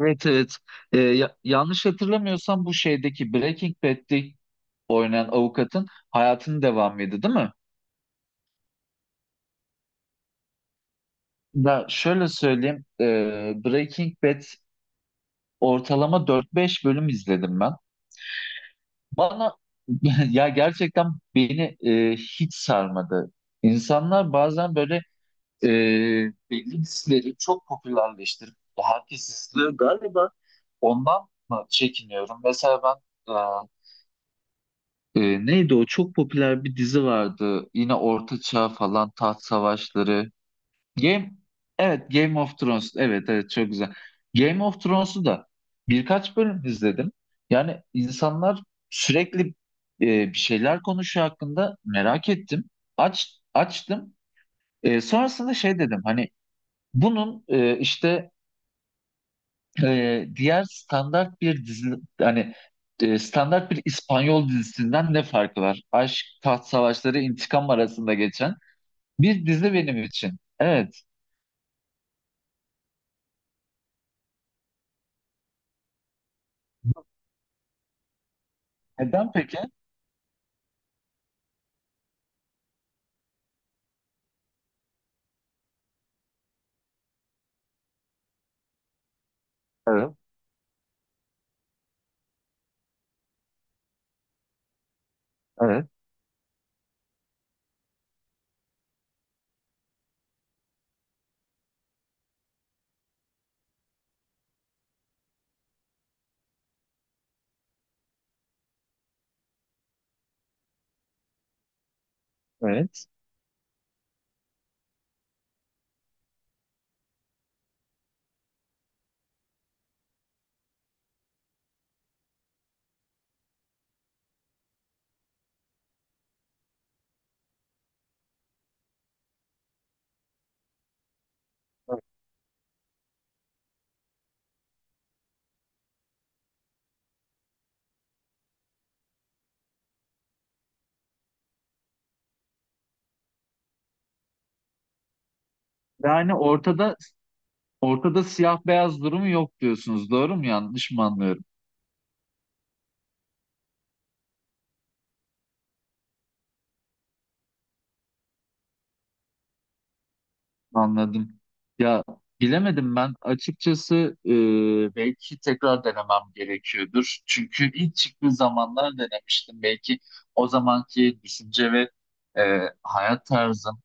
Evet, evet. Yanlış hatırlamıyorsam bu şeydeki Breaking Bad'de oynayan avukatın hayatının devamıydı, değil mi? Ya şöyle söyleyeyim. Breaking Bad ortalama dört beş bölüm izledim ben. Bana ya gerçekten beni hiç sarmadı. İnsanlar bazen böyle e, belli dizileri çok popülerleştirip herkes izliyor. Galiba ondan mı çekiniyorum? Mesela ben. Neydi o? Çok popüler bir dizi vardı. Yine Orta Çağ falan, taht savaşları. Game, evet, Game of Thrones. Evet, evet, çok güzel. Game of Thrones'u da birkaç bölüm izledim. Yani insanlar sürekli e, bir şeyler konuşuyor hakkında, merak ettim. Açtım. Sonrasında şey dedim, hani bunun işte diğer standart bir dizi, hani standart bir İspanyol dizisinden ne farkı var? Aşk, taht savaşları, intikam arasında geçen bir dizi benim için. Evet. Neden peki? Evet, evet, evet. Yani ortada siyah beyaz durumu yok diyorsunuz. Doğru mu, yanlış mı anlıyorum? Anladım. Ya bilemedim ben açıkçası, belki tekrar denemem gerekiyordur. Çünkü ilk çıktığı zamanlar denemiştim. Belki o zamanki düşünce ve hayat tarzım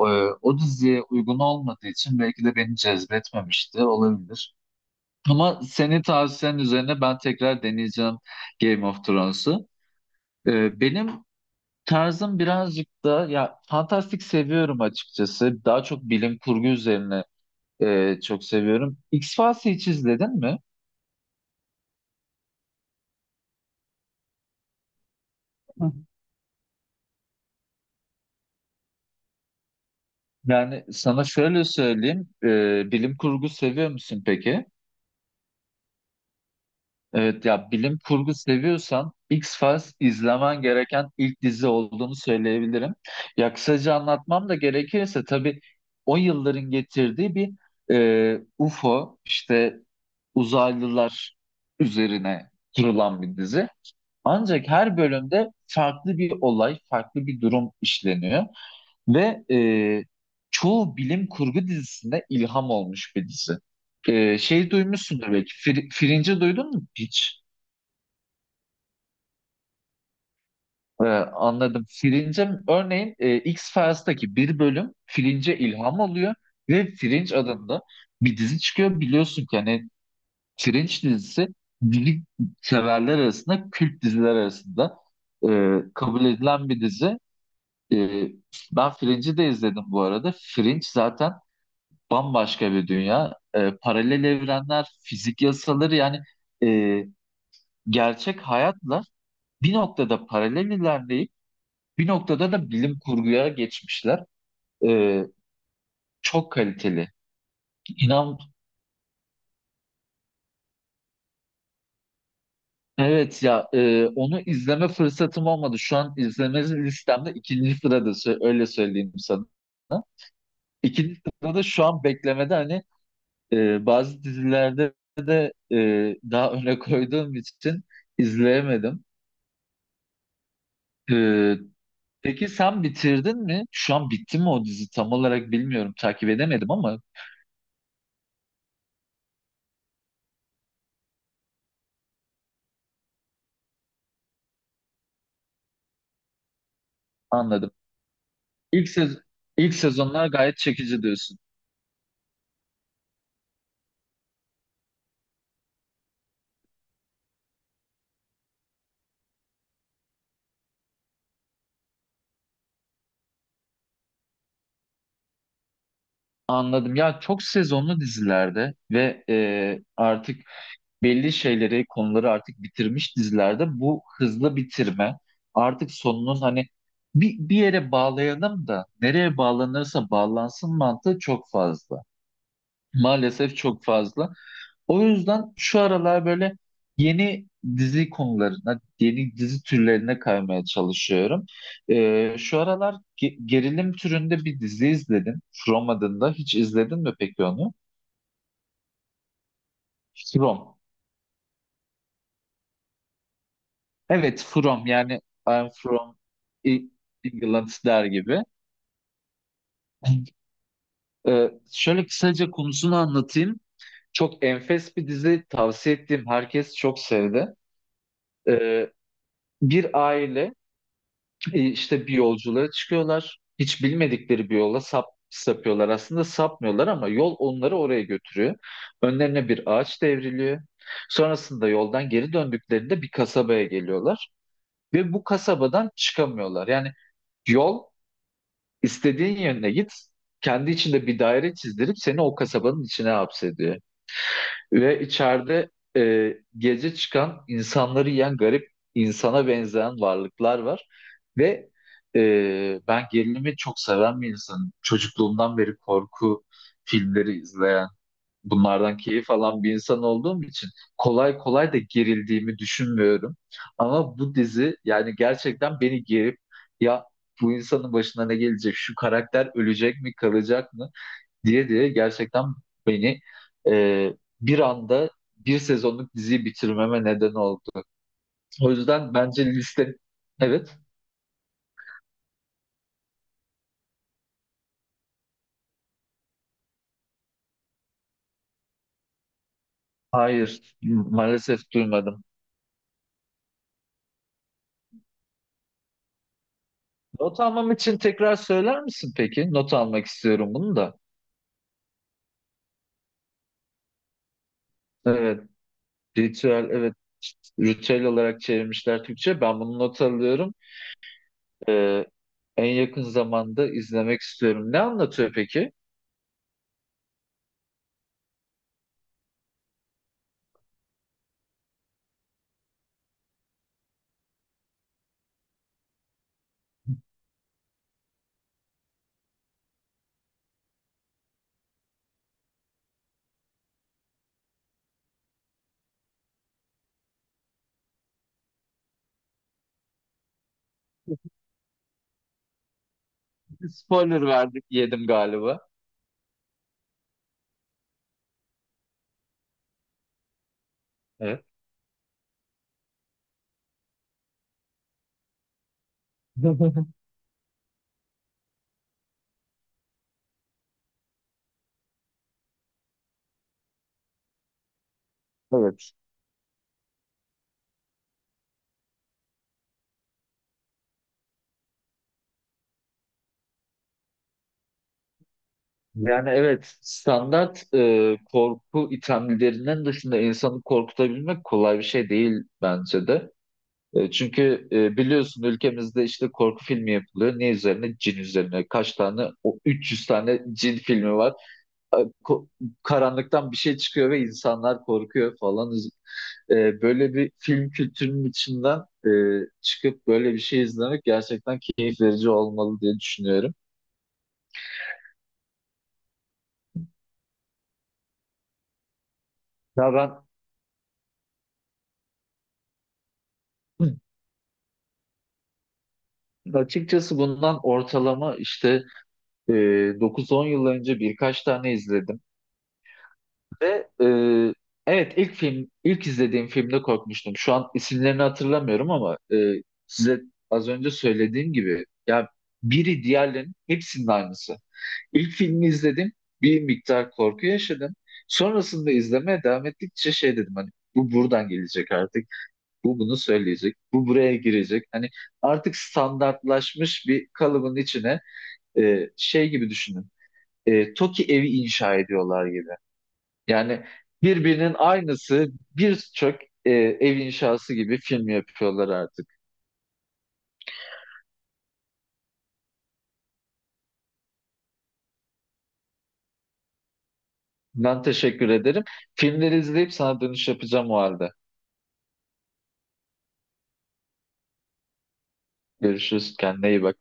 e, o diziye uygun olmadığı için belki de beni cezbetmemişti, olabilir. Ama senin tavsiyen üzerine ben tekrar deneyeceğim Game of Thrones'u. Benim tarzım birazcık da, ya fantastik seviyorum açıkçası. Daha çok bilim kurgu üzerine, çok seviyorum. X-Files'i hiç izledin mi? Hı. Yani sana şöyle söyleyeyim. Bilim kurgu seviyor musun peki? Evet, ya bilim kurgu seviyorsan X-Files izlemen gereken ilk dizi olduğunu söyleyebilirim. Ya kısaca anlatmam da gerekirse, tabii o yılların getirdiği bir UFO işte uzaylılar üzerine kurulan bir dizi. Ancak her bölümde farklı bir olay, farklı bir durum işleniyor. Ve çoğu bilim kurgu dizisinde ilham olmuş bir dizi. Şey duymuşsundur belki. Fringe'i duydun mu hiç? E, Anladım. Fringe örneğin, X-Files'taki bir bölüm Fringe'e ilham oluyor ve Fringe adında bir dizi çıkıyor. Biliyorsun ki hani Fringe dizisi bilim severler arasında, kült diziler arasında e, kabul edilen bir dizi. E, Ben Fringe'i de izledim bu arada. Fringe zaten bambaşka bir dünya. Paralel evrenler, fizik yasaları, yani e, gerçek hayatla bir noktada paralel ilerleyip bir noktada da bilim kurguya geçmişler. Ee, Çok kaliteli. İnan, evet ya, onu izleme fırsatım olmadı. Şu an izleme listemde ikinci sırada, öyle söyleyeyim sana. İkinci sırada şu an beklemede, hani bazı dizilerde e, daha öne koyduğum için izleyemedim. E, Peki sen bitirdin mi? Şu an bitti mi o dizi? Tam olarak bilmiyorum. Takip edemedim ama anladım. İlk sez ilk sezonlar gayet çekici diyorsun. Anladım. Ya çok sezonlu dizilerde ve artık belli şeyleri, konuları artık bitirmiş dizilerde bu hızlı bitirme, artık sonunun, hani bir yere bağlayalım da nereye bağlanırsa bağlansın mantığı çok fazla. Maalesef çok fazla. O yüzden şu aralar böyle yeni dizi konularına, yeni dizi türlerine kaymaya çalışıyorum. Şu aralar gerilim türünde bir dizi izledim. From adında. Hiç izledin mi peki onu? From. Evet, From. Yani I'm from E- England der gibi. Şöyle kısaca konusunu anlatayım. Çok enfes bir dizi. Tavsiye ettiğim herkes çok sevdi. Ee, Bir aile, işte bir yolculuğa çıkıyorlar. Hiç bilmedikleri bir yola sapıyorlar. Aslında sapmıyorlar ama yol onları oraya götürüyor. Önlerine bir ağaç devriliyor. Sonrasında yoldan geri döndüklerinde bir kasabaya geliyorlar ve bu kasabadan çıkamıyorlar. Yani yol, istediğin yöne git, kendi içinde bir daire çizdirip seni o kasabanın içine hapsediyor. Ve içeride gece çıkan insanları yiyen garip, insana benzeyen varlıklar var. Ve ben gerilimi çok seven bir insanım. Çocukluğumdan beri korku filmleri izleyen, bunlardan keyif alan bir insan olduğum için kolay kolay da gerildiğimi düşünmüyorum. Ama bu dizi yani gerçekten beni gerip, ya bu insanın başına ne gelecek, şu karakter ölecek mi, kalacak mı, diye diye gerçekten beni, e, bir anda bir sezonluk diziyi bitirmeme neden oldu. O yüzden bence liste... Evet, hayır, maalesef duymadım. Not almam için tekrar söyler misin peki? Not almak istiyorum bunu da. Evet, ritüel, evet, ritüel olarak çevirmişler Türkçe. Ben bunu not alıyorum. E, En yakın zamanda izlemek istiyorum. Ne anlatıyor peki? Spoiler verdik, yedim galiba. Evet. Evet. Yani evet, standart korku itemlerinden dışında insanı korkutabilmek kolay bir şey değil bence de. Çünkü biliyorsun, ülkemizde işte korku filmi yapılıyor. Ne üzerine? Cin üzerine. Kaç tane? O 300 tane cin filmi var. E, ko- Karanlıktan bir şey çıkıyor ve insanlar korkuyor falan. Böyle bir film kültürünün içinden e, çıkıp böyle bir şey izlemek gerçekten keyif verici olmalı diye düşünüyorum. Ya ben Açıkçası bundan ortalama işte e, 9-10 yıl önce birkaç tane izledim ve evet, ilk film, ilk izlediğim filmde korkmuştum. Şu an isimlerini hatırlamıyorum ama size az önce söylediğim gibi, ya biri diğerlerinin hepsinin aynısı. İlk filmi izledim, bir miktar korku yaşadım. Sonrasında izlemeye devam ettikçe şey dedim, hani bu buradan gelecek artık. Bu bunu söyleyecek. Bu buraya girecek. Hani artık standartlaşmış bir kalıbın içine, şey gibi düşünün. TOKİ evi inşa ediyorlar gibi. Yani birbirinin aynısı birçok ev inşası gibi film yapıyorlar artık. Ben teşekkür ederim. Filmleri izleyip sana dönüş yapacağım o halde. Görüşürüz. Kendine iyi bak.